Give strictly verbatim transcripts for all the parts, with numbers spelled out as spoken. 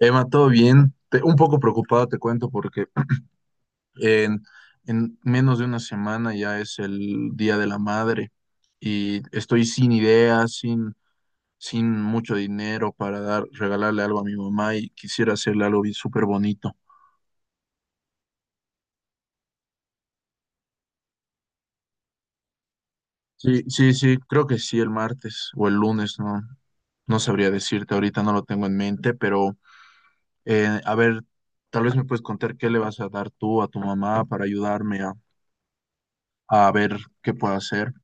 Emma, todo bien. Te- un poco preocupado, te cuento, porque en, en menos de una semana ya es el Día de la Madre y estoy sin ideas, sin, sin mucho dinero para dar, regalarle algo a mi mamá y quisiera hacerle algo bien súper bonito. Sí, sí, sí, creo que sí, el martes o el lunes, no, no sabría decirte, ahorita no lo tengo en mente, pero eh, a ver, tal vez me puedes contar qué le vas a dar tú a tu mamá para ayudarme a, a ver qué puedo hacer.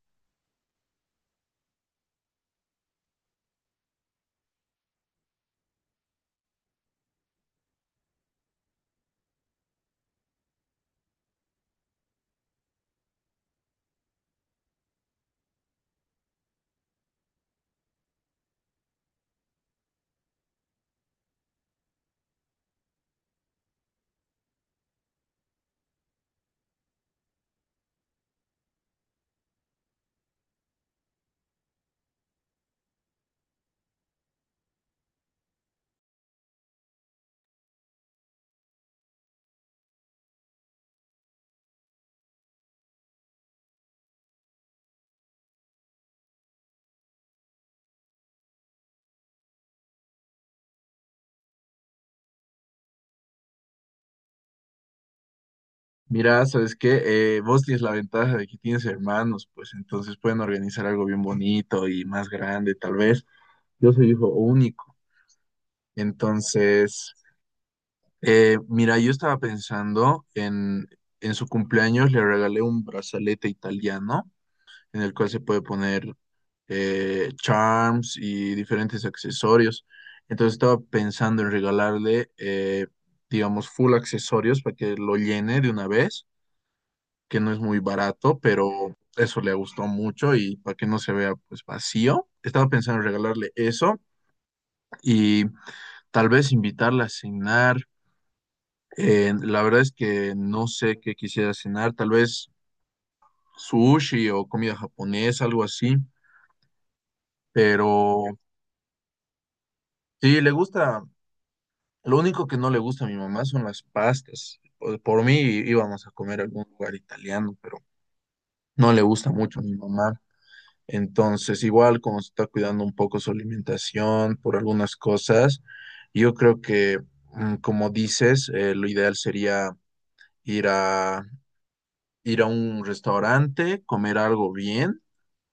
Mira, ¿sabes qué? Eh, vos tienes la ventaja de que tienes hermanos, pues entonces pueden organizar algo bien bonito y más grande, tal vez. Yo soy hijo único. Entonces, eh, mira, yo estaba pensando en, en su cumpleaños le regalé un brazalete italiano en el cual se puede poner eh, charms y diferentes accesorios. Entonces estaba pensando en regalarle, eh, digamos, full accesorios para que lo llene de una vez que no es muy barato, pero eso le gustó mucho y para que no se vea pues vacío. Estaba pensando en regalarle eso y tal vez invitarla a cenar. Eh, la verdad es que no sé qué quisiera cenar, tal vez sushi o comida japonesa, algo así, pero sí, le gusta, lo único que no le gusta a mi mamá son las pastas. Por, por mí íbamos a comer a algún lugar italiano, pero no le gusta mucho a mi mamá. Entonces, igual como se está cuidando un poco su alimentación por algunas cosas, yo creo que, mm, como dices, eh, lo ideal sería ir a, ir a un restaurante, comer algo bien,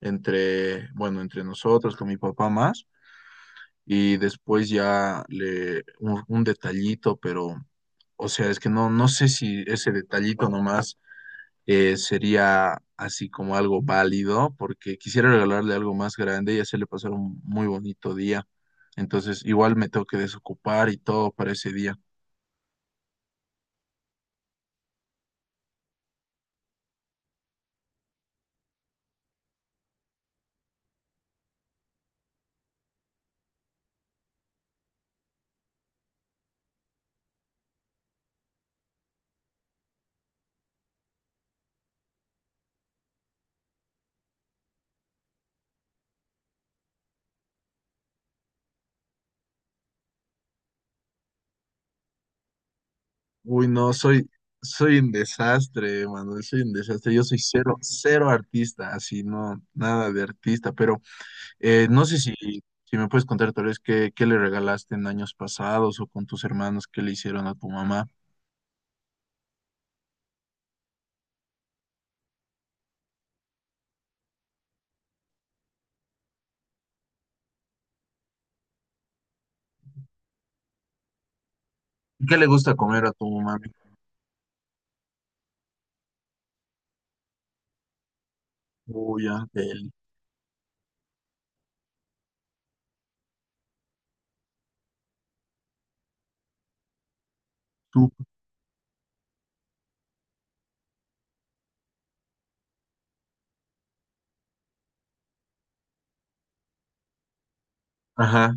entre, bueno, entre nosotros, con mi papá más, y después ya le, un, un detallito, pero, o sea, es que no, no sé si ese detallito nomás eh, sería así como algo válido, porque quisiera regalarle algo más grande y hacerle pasar un muy bonito día. Entonces, igual me tengo que desocupar y todo para ese día. Uy, no, soy, soy un desastre, Manuel, soy un desastre. Yo soy cero, cero artista, así, no, nada de artista, pero eh, no sé si, si me puedes contar tal vez qué, qué le regalaste en años pasados o con tus hermanos, qué le hicieron a tu mamá. ¿Qué le gusta comer a tu mamá? Uy, ya, del tú. Ajá.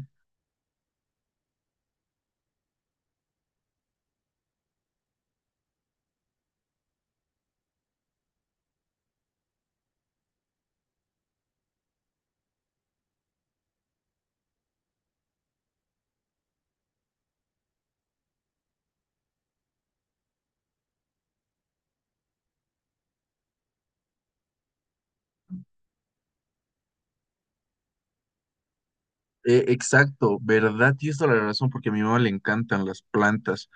Eh, exacto, ¿verdad? Tienes toda la razón porque a mi mamá le encantan las plantas.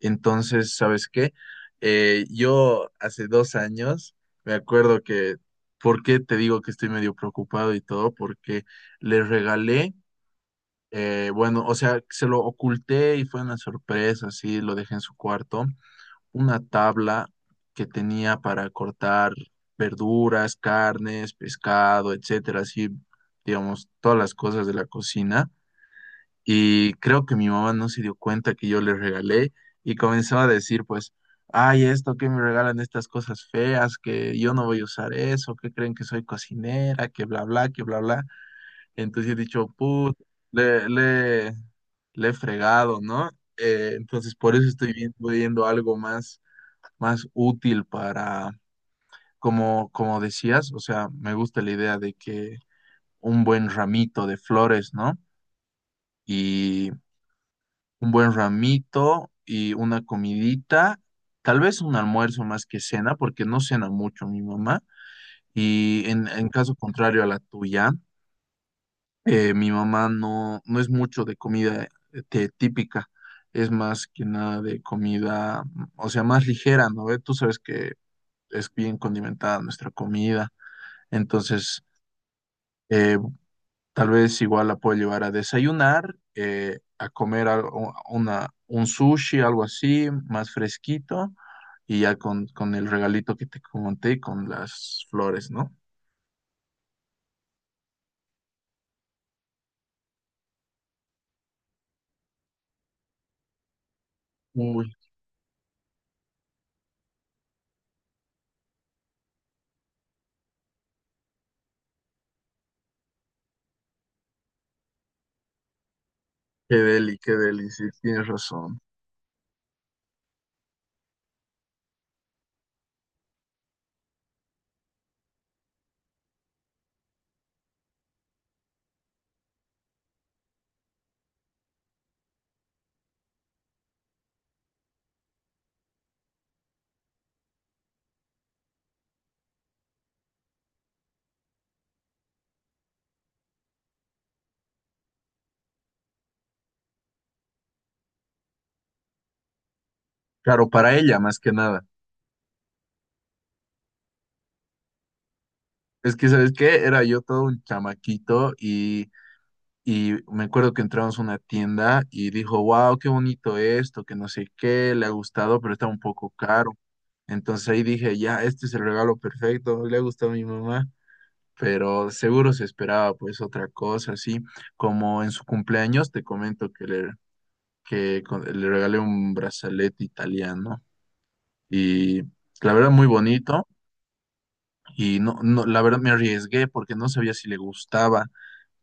Entonces, ¿sabes qué? Eh, yo hace dos años me acuerdo que, ¿por qué te digo que estoy medio preocupado y todo? Porque le regalé, eh, bueno, o sea, se lo oculté y fue una sorpresa, sí, lo dejé en su cuarto, una tabla que tenía para cortar verduras, carnes, pescado, etcétera, así, digamos, todas las cosas de la cocina. Y creo que mi mamá no se dio cuenta que yo le regalé y comenzó a decir, pues, ay, esto que me regalan estas cosas feas, que yo no voy a usar eso, que creen que soy cocinera, que bla, bla, que bla, bla. Entonces he dicho, put, le, le, le he fregado, ¿no? Eh, entonces por eso estoy vi- viendo algo más, más útil para, como, como decías, o sea, me gusta la idea de que un buen ramito de flores, ¿no? Un buen ramito y una comidita, tal vez un almuerzo más que cena, porque no cena mucho mi mamá. Y en, en caso contrario a la tuya, eh, mi mamá no, no es mucho de comida este, típica, es más que nada de comida, o sea, más ligera, ¿no? ¿Ve? Tú sabes que es bien condimentada nuestra comida, entonces... eh, Tal vez igual la puedo llevar a desayunar, eh, a comer algo- una, un sushi, algo así, más fresquito, y ya con, con el regalito que te comenté, con las flores, ¿no? Uy, qué deli, qué deli, sí, tienes razón. Claro, para ella más que nada. Es que, ¿sabes qué? Era yo todo un chamaquito y Y me acuerdo que entramos a una tienda y dijo, wow, qué bonito esto, que no sé qué, le ha gustado, pero está un poco caro. Entonces ahí dije, ya, este es el regalo perfecto, le ha gustado a mi mamá, pero seguro se esperaba pues otra cosa, así como en su cumpleaños, te comento que le, que con- le regalé un brazalete italiano y la verdad muy bonito y no, no, la verdad me arriesgué porque no sabía si le gustaba,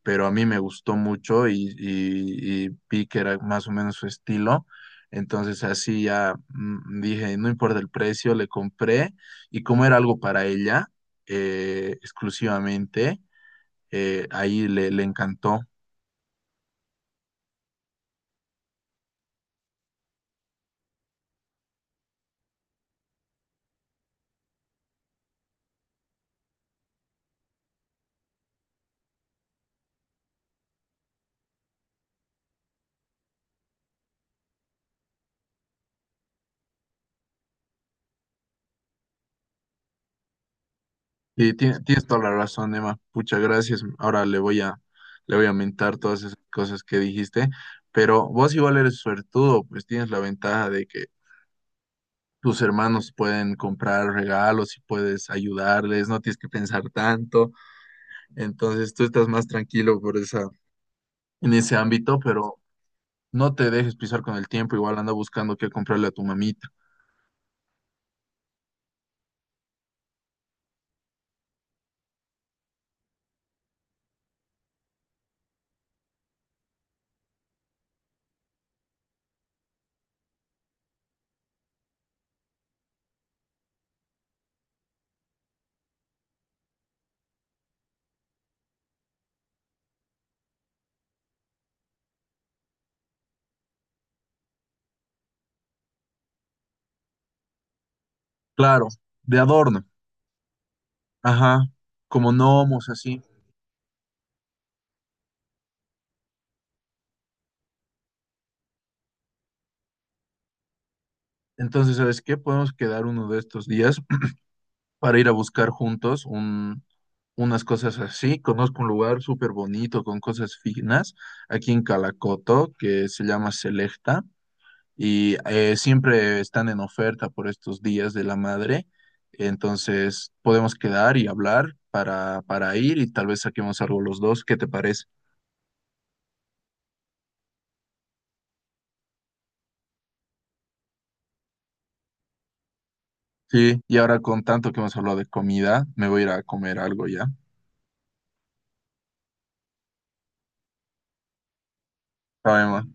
pero a mí me gustó mucho y, y, y vi que era más o menos su estilo. Entonces así ya mm, dije, no importa el precio, le compré y como era algo para ella eh, exclusivamente, eh, ahí le, le encantó. Y tienes, tienes toda la razón, Emma. Muchas gracias. Ahora le voy a, le voy a mentar todas esas cosas que dijiste. Pero vos igual eres suertudo, pues tienes la ventaja de que tus hermanos pueden comprar regalos y puedes ayudarles, no tienes que pensar tanto. Entonces tú estás más tranquilo por esa, en ese ámbito, pero no te dejes pisar con el tiempo. Igual anda buscando qué comprarle a tu mamita. Claro, de adorno. Ajá, como gnomos, así. Entonces, ¿sabes qué? Podemos quedar uno de estos días para ir a buscar juntos un, unas cosas así. Conozco un lugar súper bonito con cosas finas aquí en Calacoto que se llama Selecta. Y eh, siempre están en oferta por estos días de la madre. Entonces podemos quedar y hablar para, para ir y tal vez saquemos algo los dos. ¿Qué te parece? Sí, y ahora con tanto que hemos hablado de comida, me voy a ir a comer algo ya. Chao, Emma.